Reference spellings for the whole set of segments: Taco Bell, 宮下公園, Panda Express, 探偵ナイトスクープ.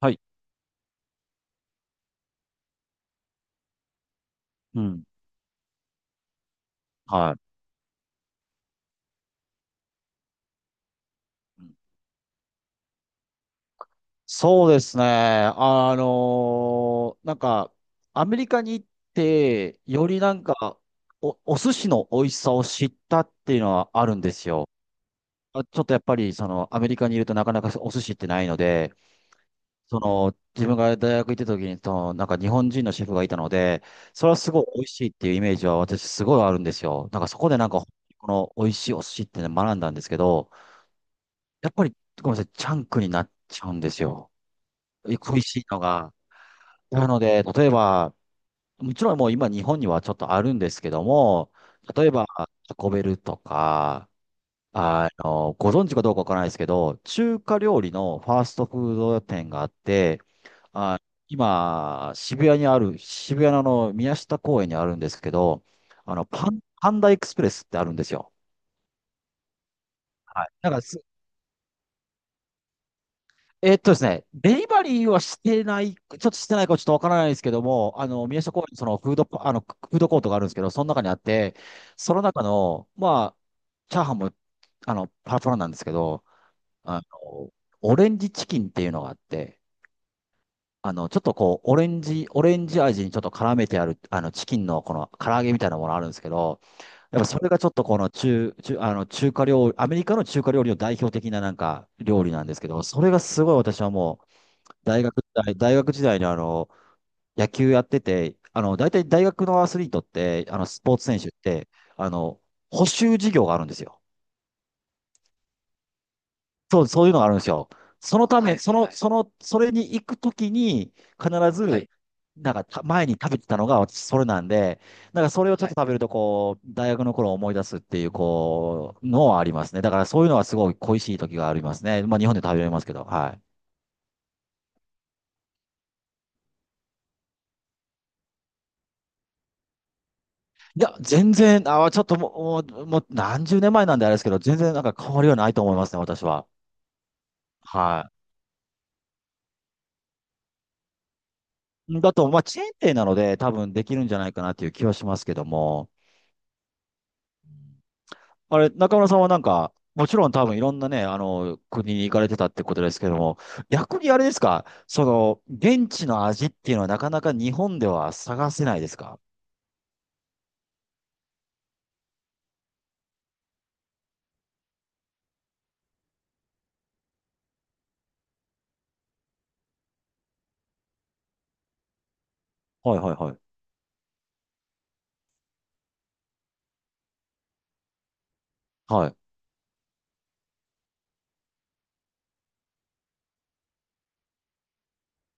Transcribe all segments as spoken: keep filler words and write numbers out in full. はい。うん。はい。うん、そうですね。あのーなんか、アメリカに行って、よりなんか、お、お寿司の美味しさを知ったっていうのはあるんですよ。あ、ちょっとやっぱり、その、アメリカにいるとなかなかお寿司ってないので、その、自分が大学行ってた時に、その、なんか日本人のシェフがいたので、それはすごい美味しいっていうイメージは私すごいあるんですよ。なんかそこでなんか、この美味しいお寿司ってね学んだんですけど、やっぱり、ごめんなさい、チャンクになっちゃうんですよ。恋しいのが。なので、例えば、もちろんもう今日本にはちょっとあるんですけども、例えば、タコベルとか、あの、ご存知かどうかわからないですけど、中華料理のファーストフード店があって、あ、今、渋谷にある、渋谷のあの宮下公園にあるんですけど、あの、パン、パンダエクスプレスってあるんですよ。はい。なんかすえっとですね、デリバリーはしてない、ちょっとしてないかちょっとわからないですけども、あの、宮下公園にそのフードパ、あの、フードコートがあるんですけど、その中にあって、その中の、まあ、チャーハンも、あの、パラパラなんですけど、あの、オレンジチキンっていうのがあって、あの、ちょっとこう、オレンジ、オレンジ味にちょっと絡めてある、あの、チキンのこの唐揚げみたいなものあるんですけど、やっぱそれがちょっとこの中、中、あの、中華料理、アメリカの中華料理の代表的ななんか料理なんですけど、それがすごい私はもう、大学時代、大学時代にあの、野球やってて、あの、大体大学のアスリートって、あの、スポーツ選手って、あの、補習授業があるんですよ。そう、そういうのがあるんですよ。そのたはめ、はいその、はい。その、それに行くときに、必はず、い。なんかた、前に食べてたのが私、それなんで、なんかそれをちょっはとい。食べると、こう、大学の頃を思い出すっていう、こう、のはありますね。だからそういうのはすごい恋しい時がありますね。まあ、日本で食べられますけど、はい。いや、全然、あー、ちょっともう、もう、もう何十年前なんであれですけど、全然なんか変わりはないと思いますね、私は。はい。だと、まあ、チェーン店なので、多分できるんじゃないかなっていう気はしますけども、あれ、中村さんはなんか、もちろん多分いろんなね、あの、国に行かれてたってことですけども、逆にあれですか、その、現地の味っていうのはなかなか日本では探せないですか？はいはいはい。はい。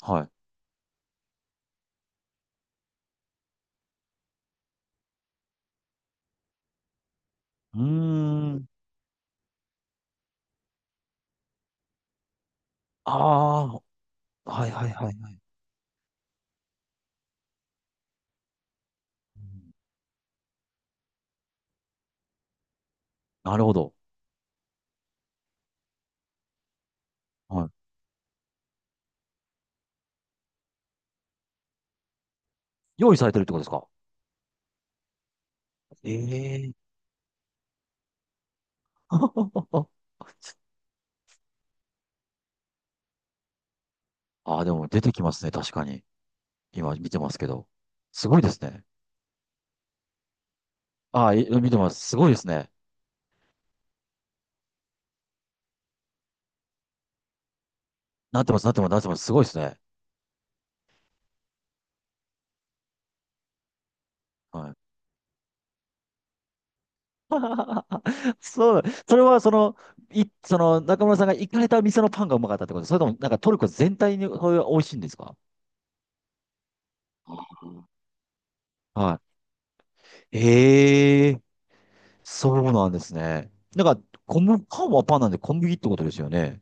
はい。うーん。ああ、はいはいはいはい。うん、なるほど。はい、用意されてるってことですか？ええー。 ああ、でも出てきますね。確かに。今見てますけど。すごいですね。ああ、い見てます。すごいですね。なってます、なってます、なってます。すごいですね。はい。そう、それはその、い、その中村さんが行かれた店のパンがうまかったってこと、それともなんかトルコ全体にそういう美味しいんですか？はい。ええ、そうなんですね。なんか、小麦、パンはパンなんで小麦ってことですよね。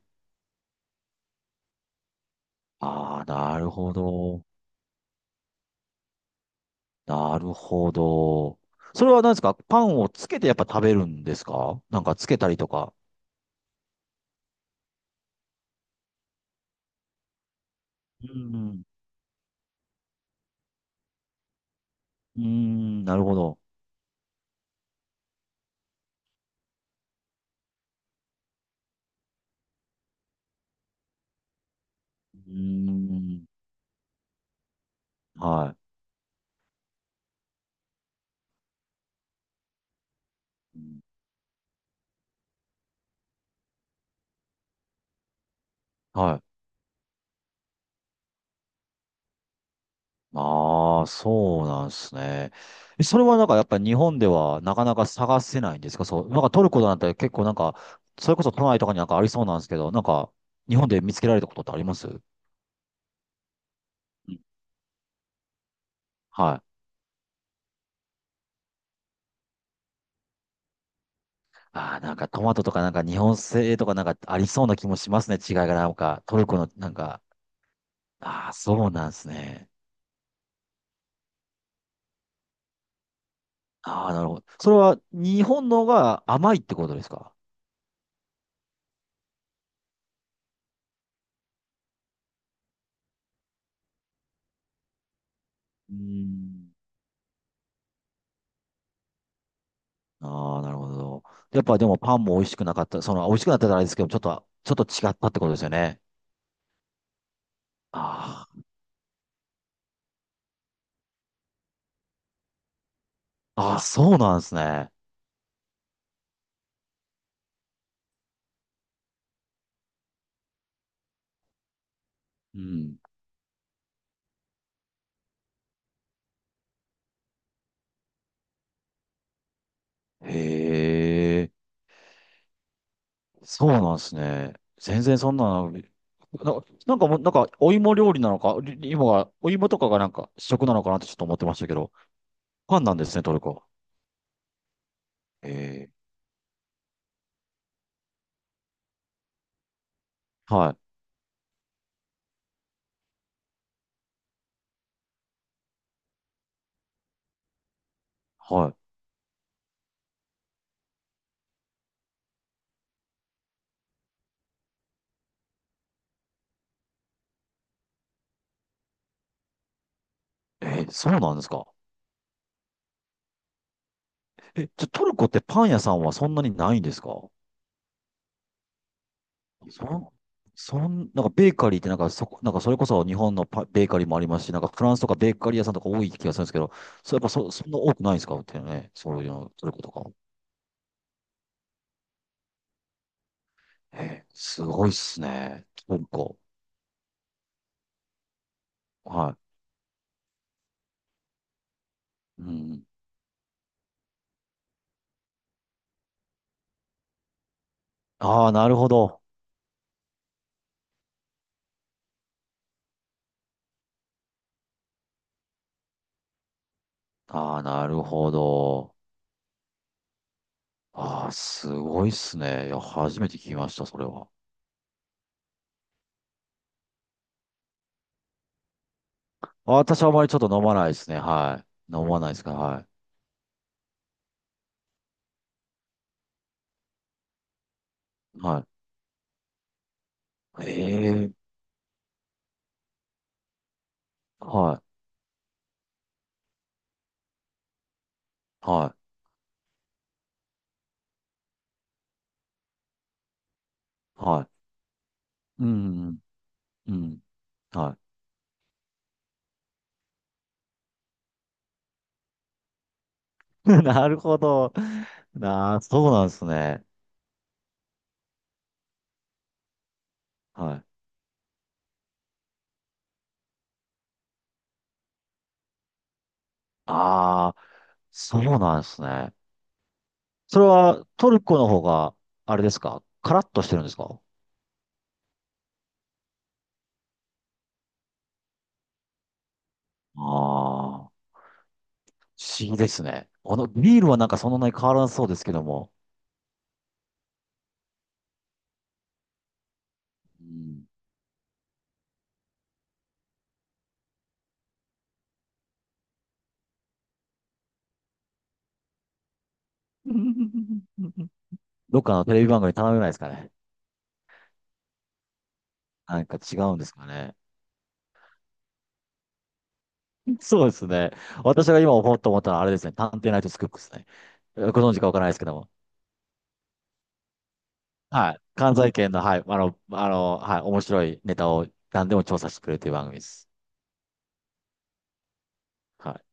ああ、なるほど。なるほど。それは何ですか、パンをつけてやっぱ食べるんですか？なんかつけたりとか。うん。うーん、なるほど。うーん。はい。うん、はい。ああ、そうなんですね。え、それはなんかやっぱり日本ではなかなか探せないんですか？そう。なんかトルコなんて結構なんか、それこそ都内とかになんかありそうなんですけど、なんか日本で見つけられたことってありますう、ん、はい。ああ、なんかトマトとかなんか日本製とかなんかありそうな気もしますね。違いがなんか、トルコのなんか、ああ、そうなんですね。ああ、なるほど。それは日本のが甘いってことですか？うーん。ああ、なるほど。やっぱでもパンも美味しくなかった。その、美味しくなったらあれですけど、ちょっと、ちょっと違ったってことですよね。ああ、ああ、そうなんですね。うん。へえ。そうなんですね。全然そんなの、な、なんかもう、なんか、お芋料理なのか、り芋が、お芋とかがなんか主食なのかなってちょっと思ってましたけど、パンなんですね、トルコ。えー、はい、はい。えー、そうなんですか。え、じゃ、トルコってパン屋さんはそんなにないんですか？そん、そん、なんかベーカリーってなんかそこ、なんかそれこそ日本のパ、ベーカリーもありますし、なんかフランスとかベーカリー屋さんとか多い気がするんですけど、そう、やっぱそ、そんな多くないんですかってね、そういうの、トルコとか。えー、すごいっすね、トルコ。はい。うん。ああ、なるほど。ああ、なるほど。ああ、すごいっすね。いや、初めて聞きました、それは。あ、私はあまりちょっと飲まないですね。はい。飲まないですから、はい。はい。ええ、はい。はい。はい。うん。うん。はい。なるほど。なあ、そうなんですね。はい。ああ、そうなんですね。それはトルコの方が、あれですか、カラッとしてるんですか？ああー。不思議ですね。このビールはなんかそんなに変わらなそうですけども、うん、どっかのテレビ番組に頼めないですかね。なんか違うんですかね。そうですね。私が今思おうと思ったのはあれですね。探偵ナイトスクープですね。ご存知かわからないですけども。はい。関西圏の、はい。あの、あの、はい。面白いネタを何でも調査してくれるという番組です。はい。